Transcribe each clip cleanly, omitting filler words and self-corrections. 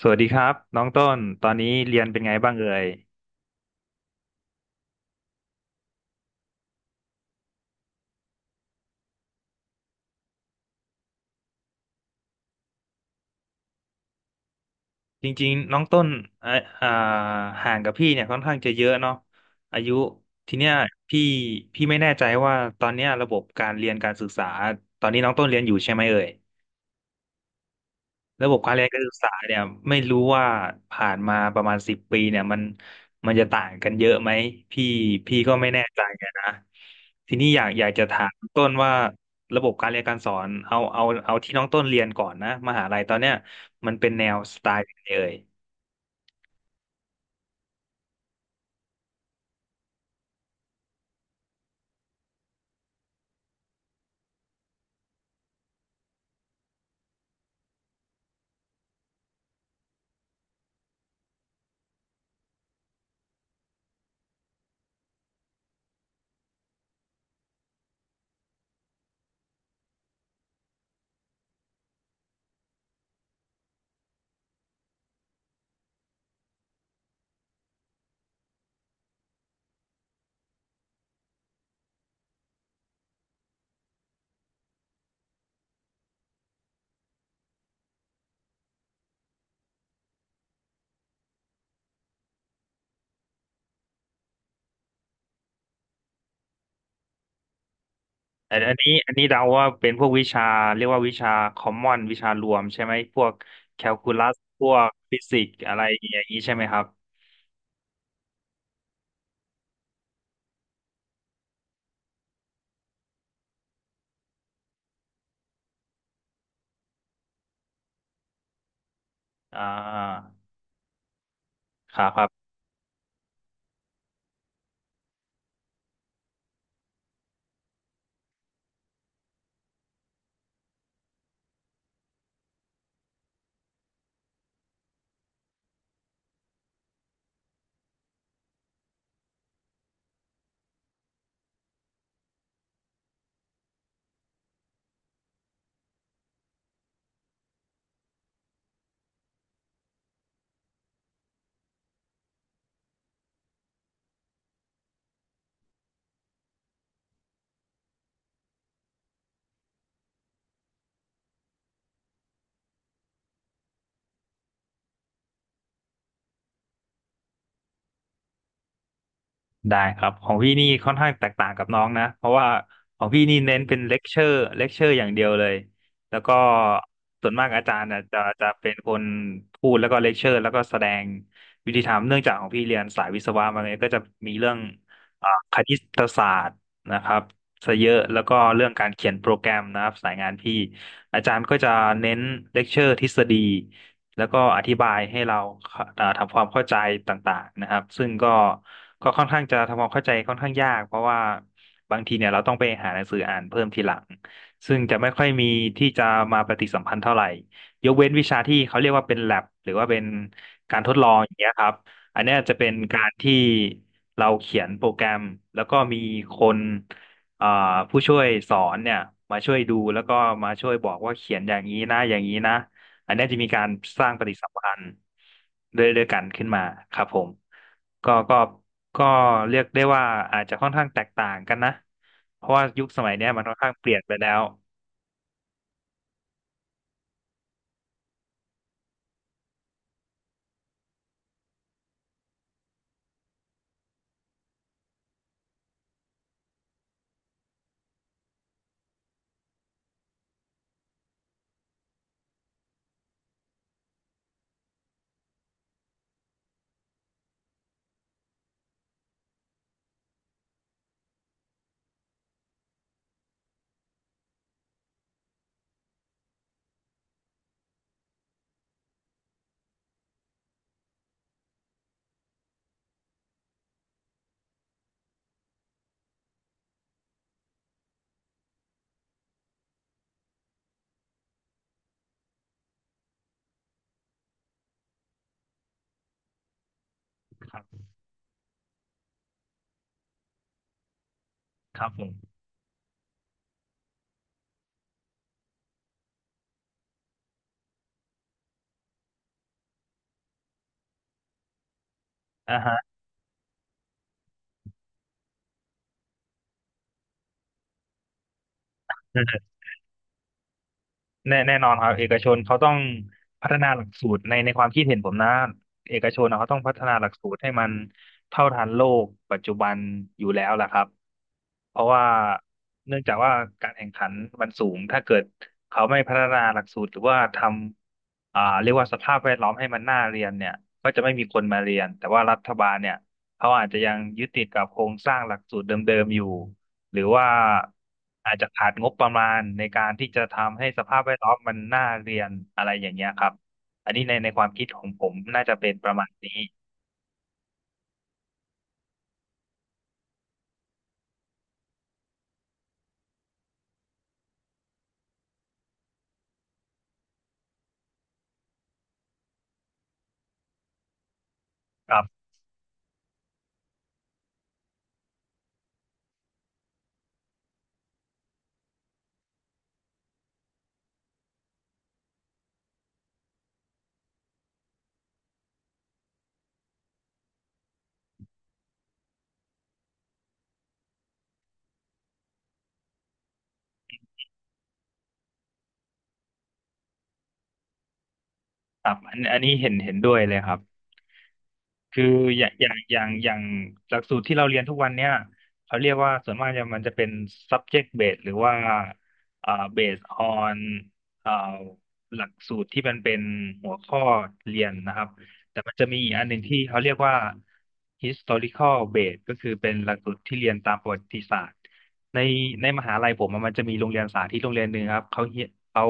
สวัสดีครับน้องต้นตอนนี้เรียนเป็นไงบ้างเอ่ยจริงๆน้องต้นเอ่ออ่าห่างกับพี่เนี่ยค่อนข้างจะเยอะเนาะอายุทีเนี้ยพี่พี่ไม่แน่ใจว่าตอนเนี้ยระบบการเรียนการศึกษาตอนนี้น้องต้นเรียนอยู่ใช่ไหมเอ่ย ระบบการเรียนการศึกษาเนี่ยไม่รู้ว่าผ่านมาประมาณ10 ปีเนี่ยมันจะต่างกันเยอะไหมพี่พี่ก็ไม่แน่ใจอะนะทีนี้อยากจะถามต้นว่าระบบการเรียนการสอนเอาที่น้องต้นเรียนก่อนนะมหาลัยตอนเนี้ยมันเป็นแนวสไตล์ไหนเอ่ยอันนี้เดาว่าเป็นพวกวิชาเรียกว่าวิชาคอมมอนวิชารวมใช่ไหมพวกแคลคูลัสพวกฟิสิกส์อะไรอย่างนี้ใช่ไหมครับอ่าครับครับ ได้ครับของพี่นี่ค่อนข้างแตกต่างกับน้องนะเพราะว่าของพี่นี่เน้นเป็นเลคเชอร์เลคเชอร์อย่างเดียวเลยแล้วก็ส่วนมากอาจารย์น่ะจะเป็นคนพูดแล้วก็เลคเชอร์แล้วก็แสดงวิธีทำเนื่องจากของพี่เรียนสายวิศวะมาเนี่ยก็จะมีเรื่องคณิตศาสตร์นะครับซะเยอะแล้วก็เรื่องการเขียนโปรแกรมนะครับสายงานพี่อาจารย์ก็จะเน้นเลคเชอร์ทฤษฎี แล้วก็อธิบายให้เราทำความเข้าใจต่างๆนะครับซึ่งก็ค่อนข้างจะทำความเข้าใจค่อนข้างยากเพราะว่าบางทีเนี่ยเราต้องไปหาหนังสืออ่านเพิ่มทีหลังซึ่งจะไม่ค่อยมีที่จะมาปฏิสัมพันธ์เท่าไหร่ยกเว้นวิชาที่เขาเรียกว่าเป็น lab หรือว่าเป็นการทดลองอย่างเงี้ยครับอันเนี้ยจะเป็นการที่เราเขียนโปรแกรมแล้วก็มีคนเอ่อผู้ช่วยสอนเนี่ยมาช่วยดูแล้วก็มาช่วยบอกว่าเขียนอย่างนี้นะอย่างนี้นะ อันเนี้ยจะมีการสร้างปฏิสัมพันธ์ด้วยกันขึ้นมาครับผมก็ก็ก็เรียกได้ว่าอาจจะค่อนข้างแตกต่างกันนะเพราะว่ายุคสมัยเนี้ยมันค่อนข้างเปลี่ยนไปแล้วครับครับผมอ่าฮะ แน่นอนครับเอกชนเขาต้องพัฒนาหลักสูตรในความคิดเห็นผมนะเอกชนนะเขาต้องพัฒนาหลักสูตรให้มันเท่าทันโลกปัจจุบันอยู่แล้วล่ะครับเพราะว่าเนื่องจากว่าการแข่งขันมันสูงถ้าเกิดเขาไม่พัฒนาหลักสูตรหรือว่าทำเรียกว่าสภาพแวดล้อมให้มันน่าเรียนเนี่ยก็จะไม่มีคนมาเรียนแต่ว่ารัฐบาลเนี่ยเขาอาจจะยังยึดติดกับโครงสร้างหลักสูตรเดิมๆอยู่ หรือว่าอาจจะขาดงบประมาณในการที่จะทำให้สภาพแวดล้อมมันน่าเรียนอะไรอย่างเงี้ยครับอันนี้ในความคิดของผมน่าจะเป็นประมาณนี้ครับครับอันอันนี้เห็นด้วยเลยครับ คืออย่างหลักสูตรที่เราเรียนทุกวันเนี่ยเขาเรียกว่าส่วนมากจะมันจะเป็น subject based หรือว่าอ่า based on อ่าหลักสูตรที่มันเป็นหัวข้อเรียนนะครับแต่มันจะมีอีกอันหนึ่งที่เขาเรียกว่า historical based ก็คือเป็นหลักสูตรที่เรียนตามประวัติศาสตร์ในในมหาลัยผมอะมันจะมีโรงเรียนสาธิตโรงเรียนหนึ่งครับเขา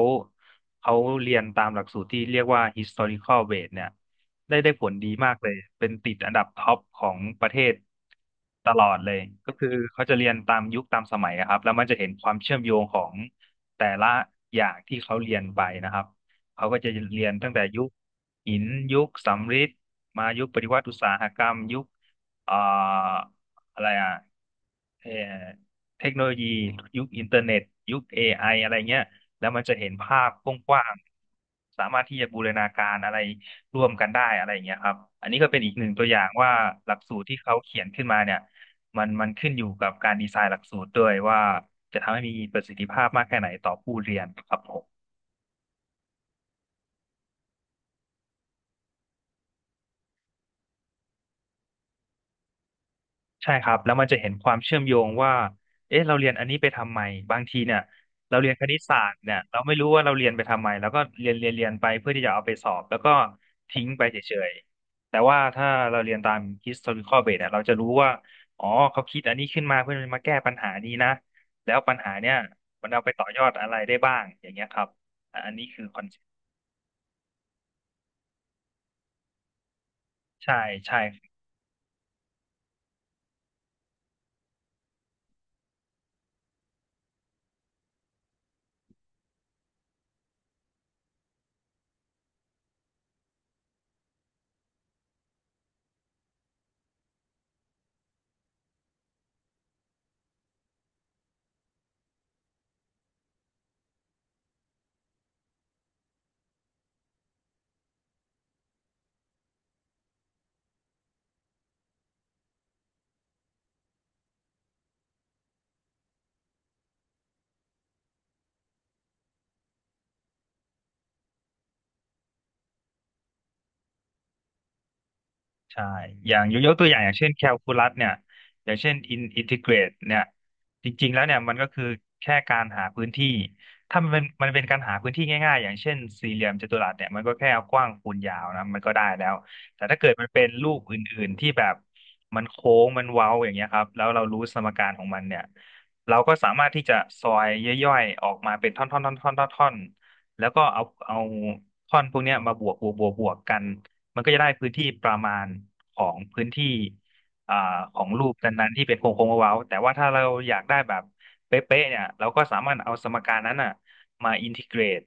เขาเรียนตามหลักสูตรที่เรียกว่า historical based เนี่ย ได้ผลดีมากเลย เป็นติดอันดับท็อปของประเทศตลอดเลยก็คือเขาจะเรียนตามยุคตามสมัยอะครับแล้วมันจะเห็นความเชื่อมโยงของแต่ละอย่างที่เขาเรียนไปนะครับเขาก็จะเรียนตั้งแต่ยุคหินยุคสำริดมายุคปฏิวัติอุตสาหกรรมยุคเอ่ออะไรอะเอ่อเทคโนโลยียุคอินเทอร์เน็ตยุค AI อะไรเงี้ยแล้วมันจะเห็นภาพกว้างๆสามารถที่จะบูรณาการอะไร ร่วมกันได้อะไรอย่างเงี้ยครับ อันนี้ก็เป็นอีกหนึ่งตัวอย่างว่าหลักสูตรที่เขาเขียนขึ้นมาเนี่ยมันขึ้นอยู่กับการดีไซน์หลักสูตรด้วยว่าจะทำให้มีประสิทธิภาพมากแค่ไหนต่อผู้เรียนครับผม ใช่ครับแล้วมันจะเห็นความเชื่อมโยงว่าเอ๊ะเราเรียนอันนี้ไปทำไมบางทีเนี่ยเราเรียนคณิตศาสตร์เนี่ยเราไม่รู้ว่าเราเรียนไปทำไมแล้วก็เรียนไปเพื่อที่จะเอาไปสอบแล้วก็ทิ้งไปเฉยๆแต่ว่าถ้าเราเรียนตาม historical base เนี่ยเราจะรู้ว่าอ๋อเขาคิดอันนี้ขึ้นมาเพื่อมาแก้ปัญหานี้นะแล้วปัญหาเนี่ยมันเอาไปต่อยอดอะไรได้บ้างอย่างเงี้ยครับอันนี้คือคอนเซ็ปต์ใช่ใช่ ใช่อย่างยกตัวอย่างอย่างเช่นแคลคูลัสเนี่ย อย่างเช่นอินทิเกรตเนี่ยจริงๆแล้วเนี่ยมันก็คือแค่การหาพื้นที่ ถ้ามันเป็นการหาพื้นที่ง่ายๆอย่างเช่นสี่เหลี่ยมจัตุรัสเนี่ยมันก็แค่เอากว้างคูณยาวนะมันก็ได้แล้ว แต่ถ้าเกิดมันเป็นรูปอื่นๆที่แบบมันโค้งมันเว้าอย่างเงี้ยครับแล้วเรารู้สมการของมันเนี่ยเราก็สามารถที่จะซอยย่อยๆออกมาเป็นท่อนๆๆๆๆๆแล้วก็เอาท่อนพวกเนี้ยมาบวกกัน มันก็จะได้พื้นที่ประมาณของพื้นที่อ่าของรูปนั้นๆที่เป็นโค้งโค้งเว้าๆแต่ว่าถ้าเราอยากได้แบบเป๊ะๆเนี่ยเราก็สามารถเอาสมการนั้นอ่ะมาอินทิเกรต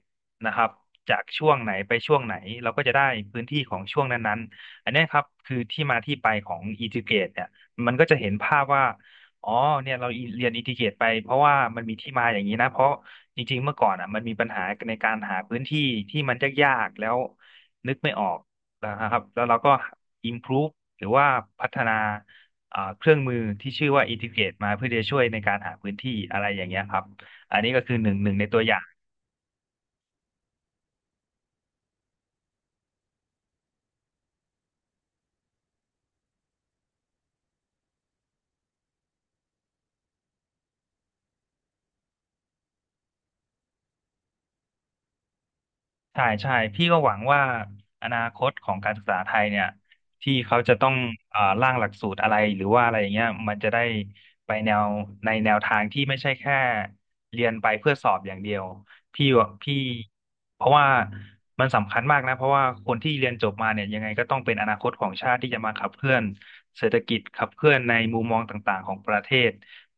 นะครับจากช่วงไหนไปช่วงไหนเราก็จะได้พื้นที่ของช่วงนั้นๆอันเนี้ยครับคือที่มาที่ไปของอินทิเกรตเนี่ยมันก็จะเห็นภาพว่าอ๋อเนี่ยเราเรียนอินทิเกรตไปเพราะว่ามันมีที่มาอย่างนี้นะเพราะจริงๆเมื่อก่อนอ่ะมันมีปัญหาในการหาพื้นที่ที่มันยากๆแล้วนึกไม่ออก นะครับแล้วเราก็ improve หรือว่าพัฒนาเครื่องมือที่ชื่อว่า Integrate มาเพื่อจะช่วยในการหาพื้นที่อะไรอย่างเงี้ยครับอันนี้ก็คือหนึ่งในตัวอย่าง ใช่ใช่พี่ก็หวังว่าอนาคตของการศึกษาไทยเนี่ยที่เขาจะต้องร่างหลักสูตรอะไรหรือว่าอะไรอย่างเงี้ยมันจะได้ไปแนวในแนวทางที่ไม่ใช่แค่เรียนไปเพื่อสอบอย่างเดียวพี่ว่าพี่เพราะว่ามันสำคัญมากนะเพราะว่าคนที่เรียนจบมาเนี่ยยังไงก็ต้องเป็นอนาคตของชาติที่จะมาขับเคลื่อนเศรษฐกิจขับเคลื่อนในมุมมองต่างๆของประเทศ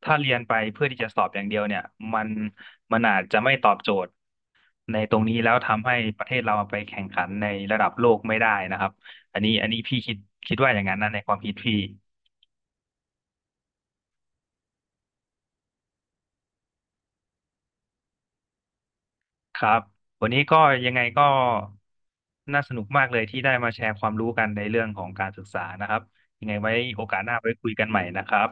ถ้าเรียนไปเพื่อที่จะสอบอย่างเดียวเนี่ยมันมันอาจจะไม่ตอบโจทย์ ในตรงนี้แล้วทำให้ประเทศเราไปแข่งขันในระดับโลกไม่ได้นะครับอันนี้พี่คิดว่าอย่างนั้นนะในความคิดพี่ครับวันนี้ก็ยังไงก็น่าสนุกมากเลยที่ได้มาแชร์ความรู้กันในเรื่องของการศึกษานะครับยังไงไว้โอกาสหน้าไว้คุยกันใหม่นะครับ